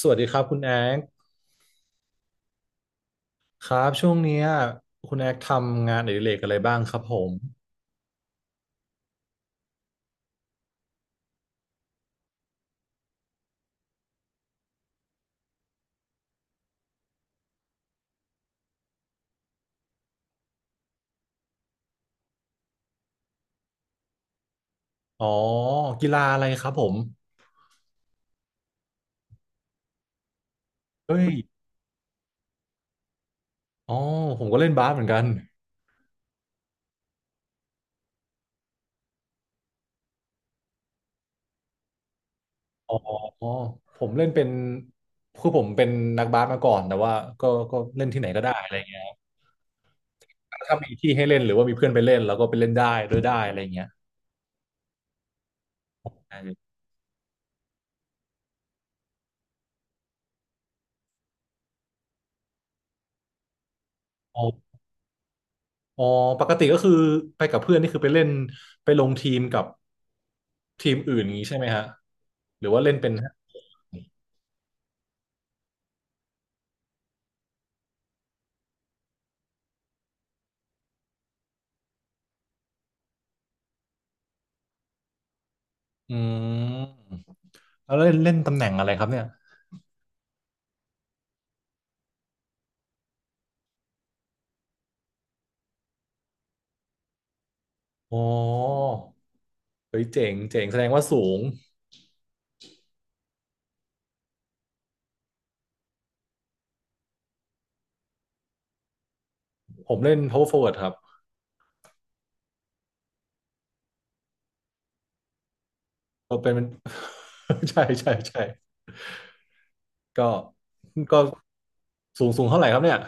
สวัสดีครับคุณแอ๊กครับช่วงเนี้ยคุณแอ๊กทำงานอดิเรกอะไรบ้างครับผมอ๋อกีฬาอะไรครับผมเฮ้ยอ๋อผมก็เล่นบาสเหมือนกันอ๋อผมเล่นเป็นคือผมเป็นนักบาสมาก่อนแต่ว่าก็เล่นที่ไหนก็ได้อะไรเงี้ยครับถ้ามีที่ให้เล่นหรือว่ามีเพื่อนไปเล่นเราก็ไปเล่นได้ด้วยได้อะไรเงี้ยเอออ๋ออ๋อปกติก็คือไปกับเพื่อนนี่คือไปเล่นไปลงทีมกับทีมอื่นอย่างงี้ใช่ไหมฮะหรือว่าเล่นเป็น อืมแล้วเล่นเล่นตำแหน่งอะไรครับเนี่ยอ๋อเฮ้ยเจ๋งเจ๋งแสดงว่าสูงผมเล่น power forward ครับก็เป็น ใช่ใช่ใช่ก็ก็สูงสูงเท่าไหร่ครับเนี่ย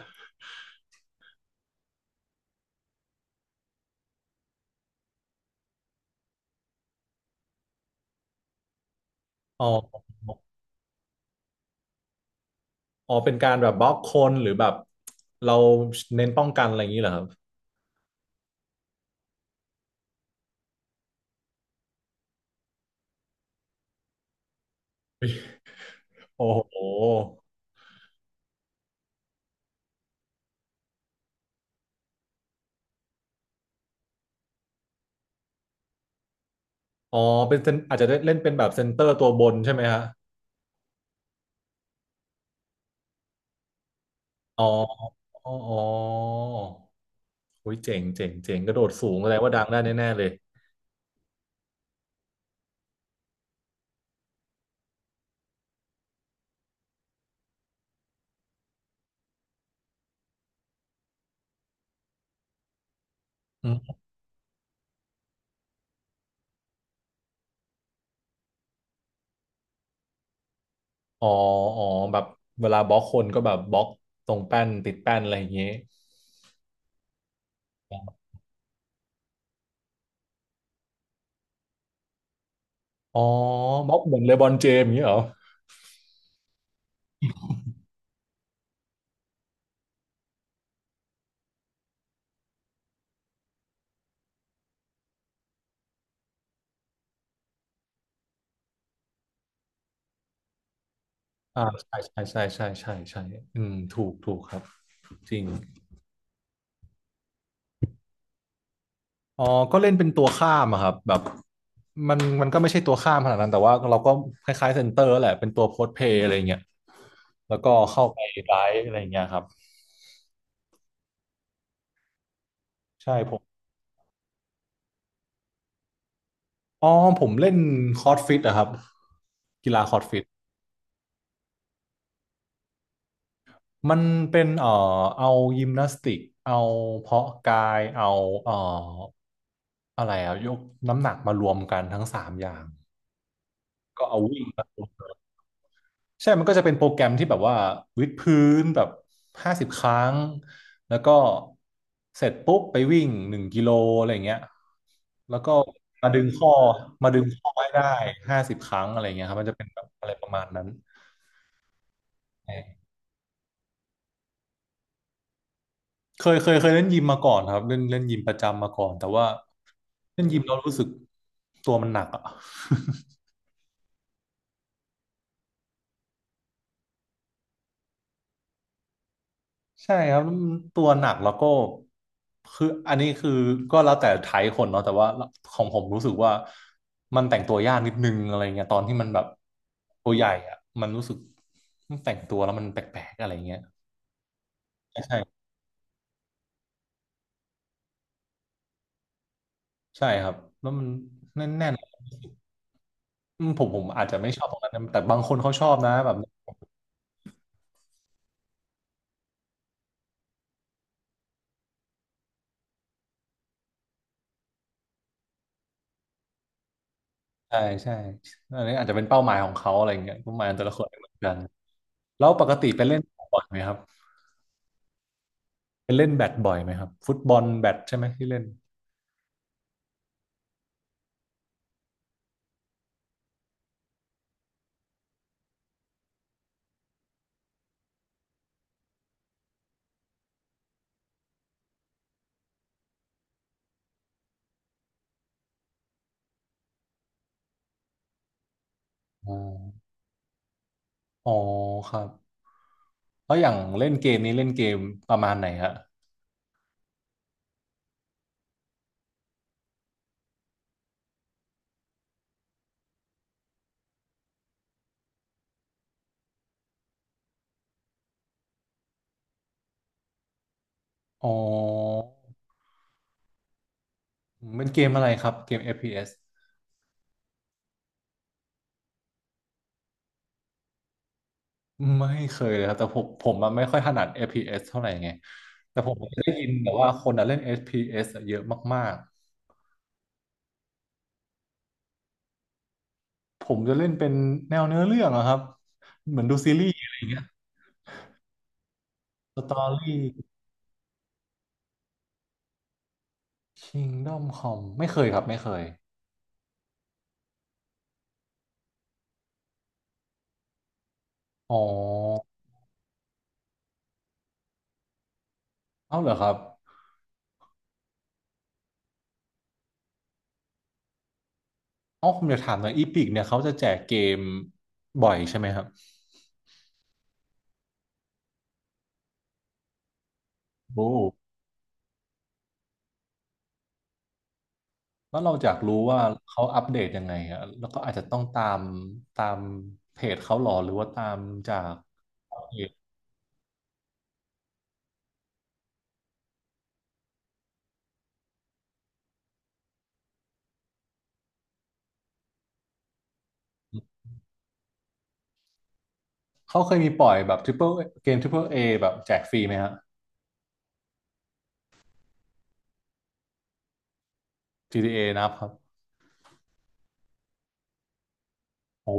อ๋ออ๋อเป็นการแบบบล็อกคนหรือแบบเราเน้นป้องกันอะไรอย่างนี้เหรอครับโอ้โหอ๋อเป็นเซนอาจจะเล่นเป็นแบบเซนเตอร์ตัวบนใช่ไหมฮะอ๋ออ๋ออ๋อโอ้ยเจ๋งเจ๋งเจ๋งกระโดดสูงแสดงว่าดังได้แน่ๆเลย อ๋ออ๋อแบบเวลาบล็อกคนก็แบบบล็อกตรงแป้นติดแป้นอะไรอย่างเงี้ยอ๋อบล็อกเหมือนเลบรอนเจมส์อย่างเงี้ยเหรออ่าใช่ ใช่ ใช่ใช่ใช่ใช่อืมถูกถูกครับจริง อ๋อ ก็เล่นเป็นตัวข้ามอะครับแบบมันก็ไม่ใช่ตัวข้ามขนาดนั้นแต่ว่าเราก็คล้ายๆเซนเตอร์แหละเป็นตัวโพสเพย์อะไรเงี้ยแล้วก็เข้าไปไลฟ์อะไรเงี้ยครับใช่ผมอ๋อผมเล่นคอร์ดฟิตอะครับกีฬาคอร์ดฟิต มันเป็นเอายิมนาสติกเอาเพาะกาย เอาเอ่ออะไรอะยกน้ำหนักมารวมกันทั้งสามอย่างก็เอาวิ่งมารวมกันใช่มันก็จะเป็นโปรแกรมที่แบบว่าวิดพื้นแบบห้าสิบครั้งแล้วก็เสร็จปุ๊บไปวิ่ง1 กิโลอะไรอย่างเงี้ยแล้วก็มาดึงข้อมาดึงข้อให้ได้ห้าสิบครั้งอะไรเงี้ยครับมันจะเป็นแบบอะไรประมาณนั้น เคยเคยเคยเล่นยิมมาก่อนครับเล่นเล่นยิมประจำมาก่อนแต่ว่าเล่นยิมเรารู้สึกตัวมันหนักอ่ะ ใช่ครับตัวหนักแล้วก็คืออันนี้คือก็แล้วแต่ไทป์คนเนาะแต่ว่าของผมรู้สึกว่ามันแต่งตัวยากนิดนึงอะไรเงี้ยตอนที่มันแบบตัวใหญ่อ่ะมันรู้สึกมันแต่งตัวแล้วมันแปลกๆอะไรเงี้ยใช่ใช่ใช่ครับแล้วมันแน่นๆอืมผมอาจจะไม่ชอบตรงนั้นนะแต่บางคนเขาชอบนะแบบ ใช่ใช่อันนี้อาจจะเป็นเป้าหมายของเขาอะไรอย่างเงี้ยเป้าหมายของแต่ละคนไม่เหมือนกันแล้วปกติไปเล่นบ่อยไหมครับไปเล่นแบดบ่อยไหมครับฟุตบอลแบดใช่ไหมที่เล่นอ๋ออ๋อครับแล้วอย่างเล่นเกมนี้เล่นเกมประมาณไหนฮะอ๋อเป็นเกมอะไรครับเกมเอฟพีเอสไม่เคยเลยครับแต่ผมผมอะไม่ค่อยถนัด f พีเอสเท่าไหร่ไงแต่ผมได้ยินแต่ว่าคนอะเล่นเอฟพี s อสอะเยอะมากๆผมจะเล่นเป็นแนวเนื้อเรื่องอะครับเหมือนดูซีรีส์อะไรอย่างเงี้ย สตอรี่ Kingdom c o m ไม่เคยครับไม่เคยอ๋อเอ้าเหรอครับเอ้าผมอยากถามหน่อยอีพิกเนี่ยเขาจะแจกเกมบ่อยใช่ไหมครับโอ้แล้วเราอยากรู้ว่าเขาอัปเดตยังไงอะแล้วก็อาจจะต้องตามเพจเขาหรอหรือว่าตามจากเพจเขาเคยมีปล่อยแบบทริปเปิลเกมทริปเปิลเอแบบแจกฟรีไหมฮะ GTA นะครับโอ้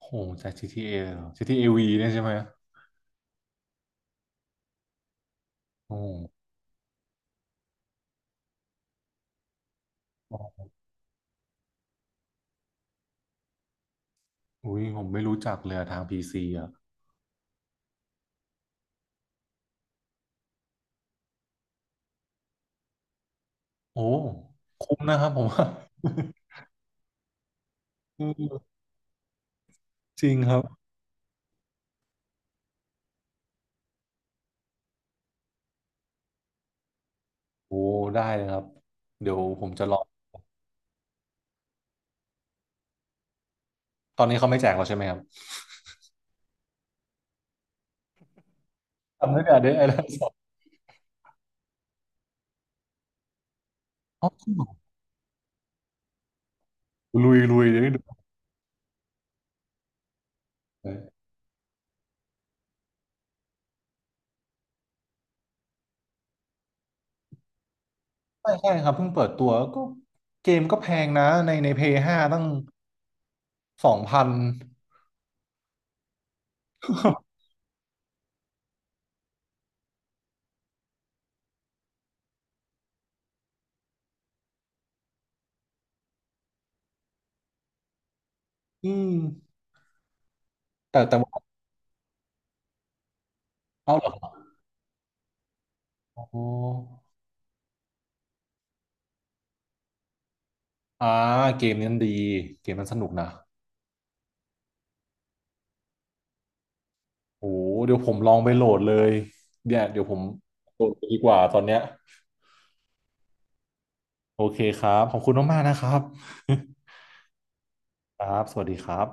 โหแจก GTA เอเลยเหรอ GTA V เนี่ยใช่ไหมโอ้โหอุ้ยผมไม่รู้จักเลยอะทางพีซีอ่ะ โอ้คุ้มนะครับผมว่าอืมจริงครับโอ้ได้เลยครับเดี๋ยวผมจะลองตอนนี้เขาไม่แจกแล้วใช่ไหมครับทำได้งแต่เดยไอ้เ่าสดอ๋อจริงเหรอลุยลุยเดี๋ยวได้ดูเลยใช่ใช่ครับเพิ่งเปิดตัวก็เกมก็แพงนะในในเพย์ห้าตั้ง2,000 อืมแต่แต่ว่าเอาเหรอโอ้อ่าเกมนี้มันดีเกมมันสนุกนะโอ้เดี๋ยวผมลองไปโหลดเลยเดี๋ยวเดี๋ยวผมโหลดดีกว่าตอนเนี้ย โอเคครับ ขอบคุณมากๆนะครับ ครับ สวัสดีครับ